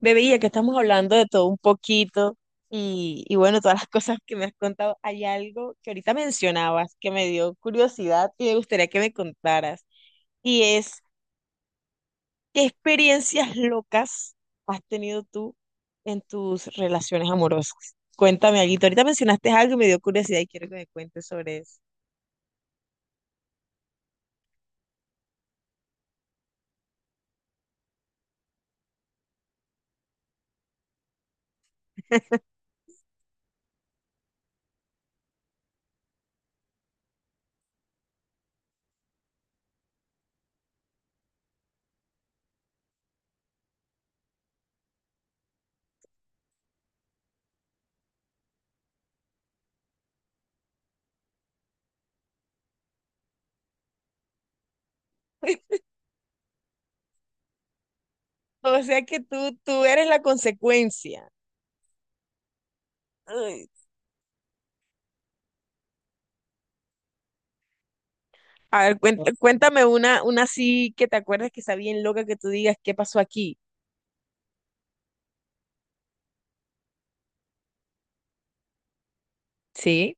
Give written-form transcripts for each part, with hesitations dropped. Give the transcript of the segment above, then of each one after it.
Bebé, ya que estamos hablando de todo un poquito y bueno, todas las cosas que me has contado, hay algo que ahorita mencionabas que me dio curiosidad y me gustaría que me contaras. Y es, ¿qué experiencias locas has tenido tú en tus relaciones amorosas? Cuéntame algo. Ahorita mencionaste algo y me dio curiosidad y quiero que me cuentes sobre eso. O sea que tú eres la consecuencia. Ay. A ver, cuéntame una así que te acuerdas que está bien loca que tú digas qué pasó aquí. Sí.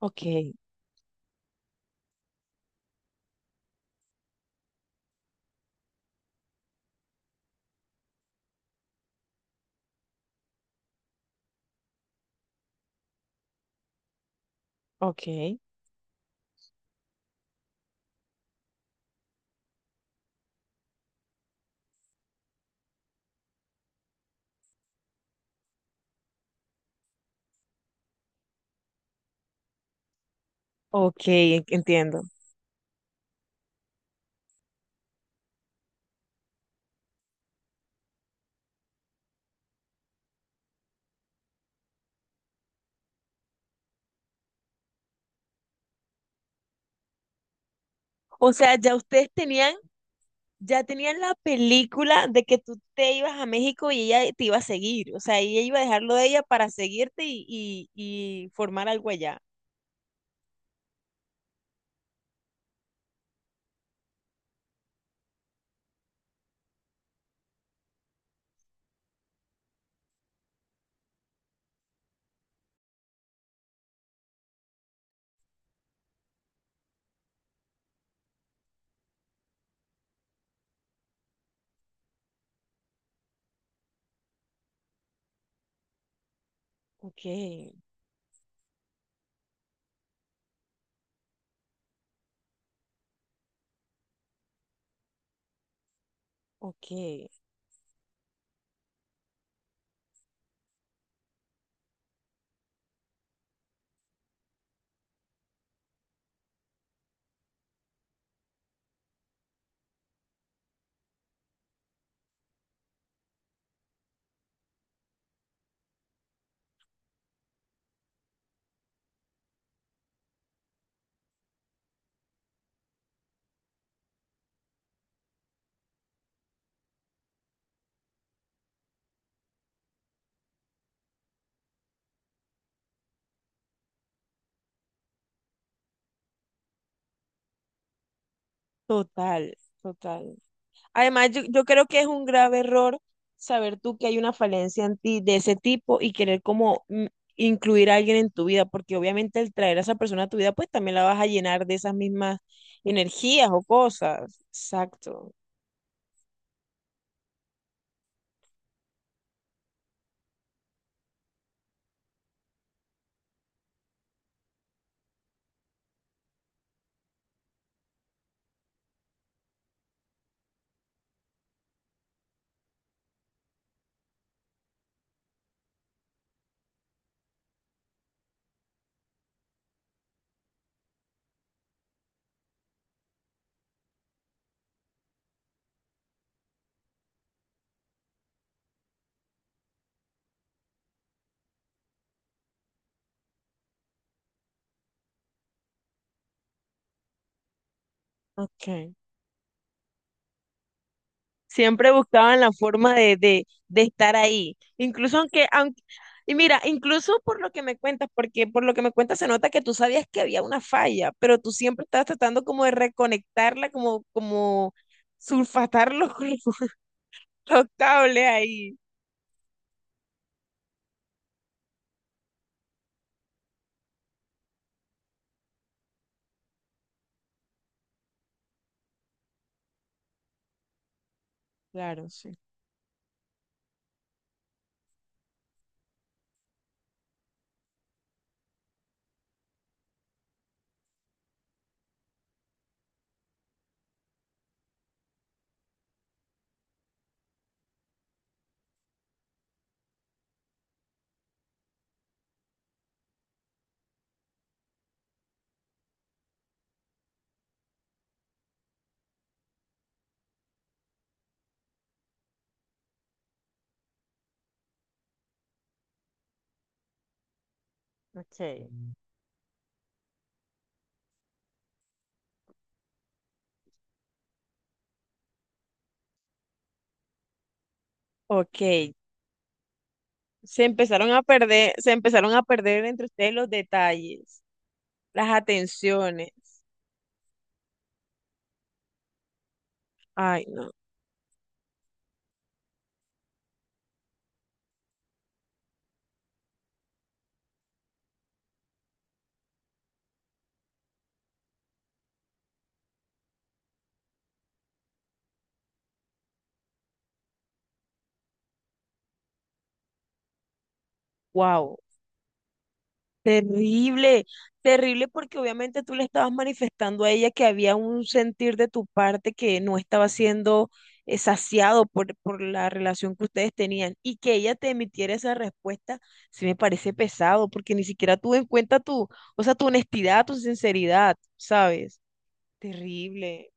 Ok, ok, ok, entiendo. O sea, ya ustedes tenían, ya tenían la película de que tú te ibas a México y ella te iba a seguir. O sea, ella iba a dejarlo de ella para seguirte y formar algo allá. Ok, ok, total, total. Además, yo creo que es un grave error saber tú que hay una falencia en ti de ese tipo y querer como incluir a alguien en tu vida, porque obviamente el traer a esa persona a tu vida, pues también la vas a llenar de esas mismas energías o cosas. Exacto. Ok. Siempre buscaban la forma de estar ahí. Incluso y mira, incluso por lo que me cuentas, porque por lo que me cuentas se nota que tú sabías que había una falla, pero tú siempre estabas tratando como de reconectarla, como sulfatar los, los cables ahí. Claro, sí. Ok. Ok, se empezaron a perder, se empezaron a perder entre ustedes los detalles, las atenciones. Ay, no. Wow. Terrible, terrible porque obviamente tú le estabas manifestando a ella que había un sentir de tu parte que no estaba siendo saciado por la relación que ustedes tenían y que ella te emitiera esa respuesta, sí me parece pesado porque ni siquiera tuvo en cuenta tu, o sea, tu honestidad, tu sinceridad, ¿sabes? Terrible.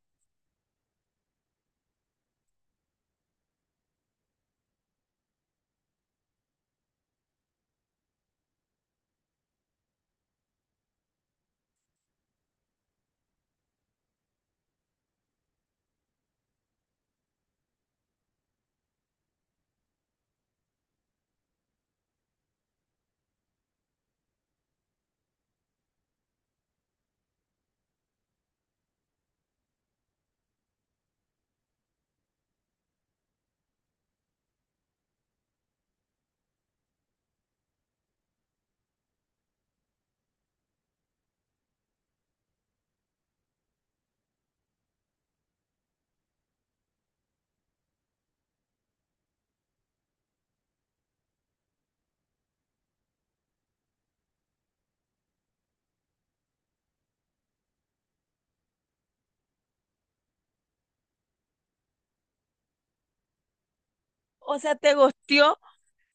O sea, te gustió,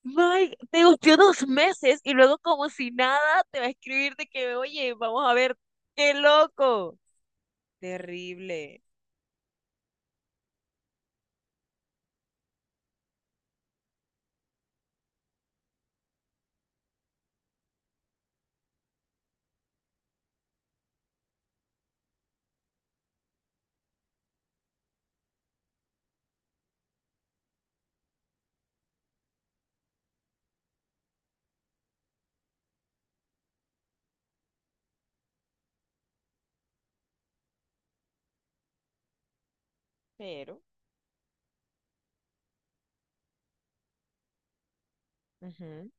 Mike, te gustió 2 meses y luego como si nada te va a escribir de que, oye, vamos a ver, qué loco. Terrible. Pero, ujú.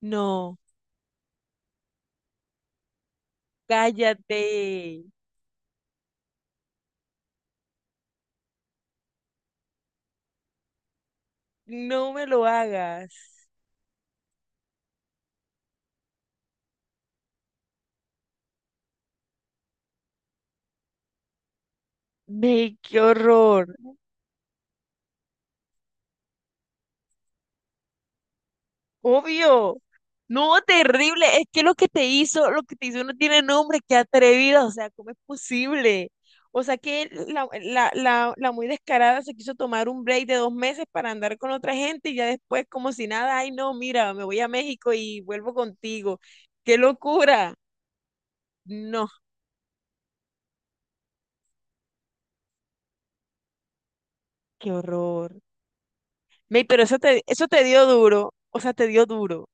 No, cállate. No me lo hagas. Ve, qué horror. Obvio. No, terrible. Es que lo que te hizo, lo que te hizo no tiene nombre. Qué atrevida. O sea, ¿cómo es posible? O sea, que la muy descarada se quiso tomar un break de 2 meses para andar con otra gente y ya después, como si nada, ay, no, mira, me voy a México y vuelvo contigo. ¡Qué locura! No, qué horror. Ve, pero eso te dio duro, o sea, te dio duro.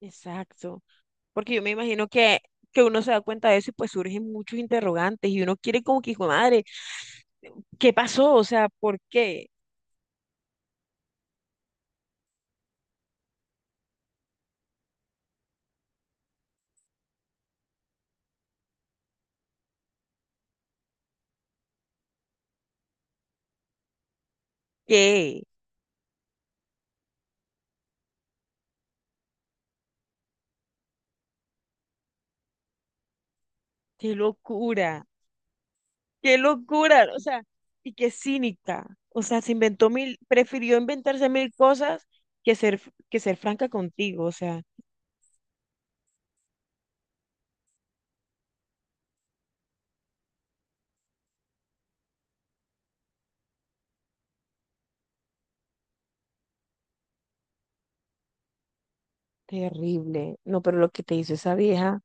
Exacto, porque yo me imagino que uno se da cuenta de eso y pues surgen muchos interrogantes y uno quiere como que, hijo de madre, ¿qué pasó? O sea, ¿por qué? ¿Qué? ¡Qué locura! ¡Qué locura! O sea, y qué cínica. O sea, se inventó mil, prefirió inventarse mil cosas que ser, que ser franca contigo. O sea, terrible. No, pero lo que te hizo esa vieja.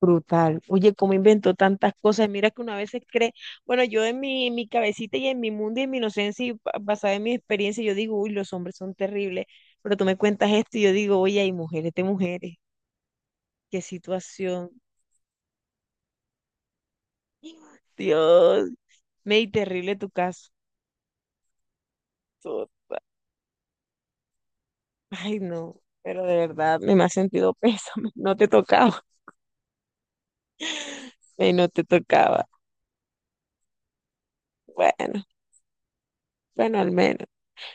Brutal. Oye, cómo inventó tantas cosas. Mira que una vez se cree, bueno, yo en mi cabecita y en mi mundo y en mi inocencia y basada en mi experiencia, yo digo, uy, los hombres son terribles. Pero tú me cuentas esto y yo digo, oye, hay mujeres de mujeres. Qué situación. Dios, me di terrible tu caso. Tota. Ay, no, pero de verdad me ha sentido pésame. No te tocaba. No te tocaba. Bueno, bueno, al menos.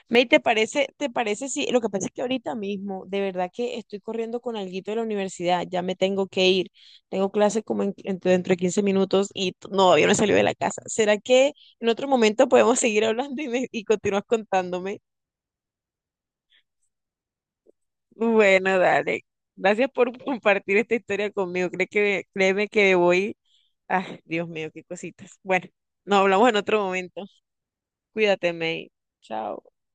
May, te parece si lo que pasa es que ahorita mismo, de verdad que estoy corriendo con alguito de la universidad, ya me tengo que ir, tengo clase como dentro de 15 minutos y no, todavía no he salido de la casa. ¿Será que en otro momento podemos seguir hablando y, y continúas contándome? Bueno, dale. Gracias por compartir esta historia conmigo. Cree que, créeme que voy. Ah, Dios mío, qué cositas. Bueno, nos hablamos en otro momento. Cuídate, May. Chao.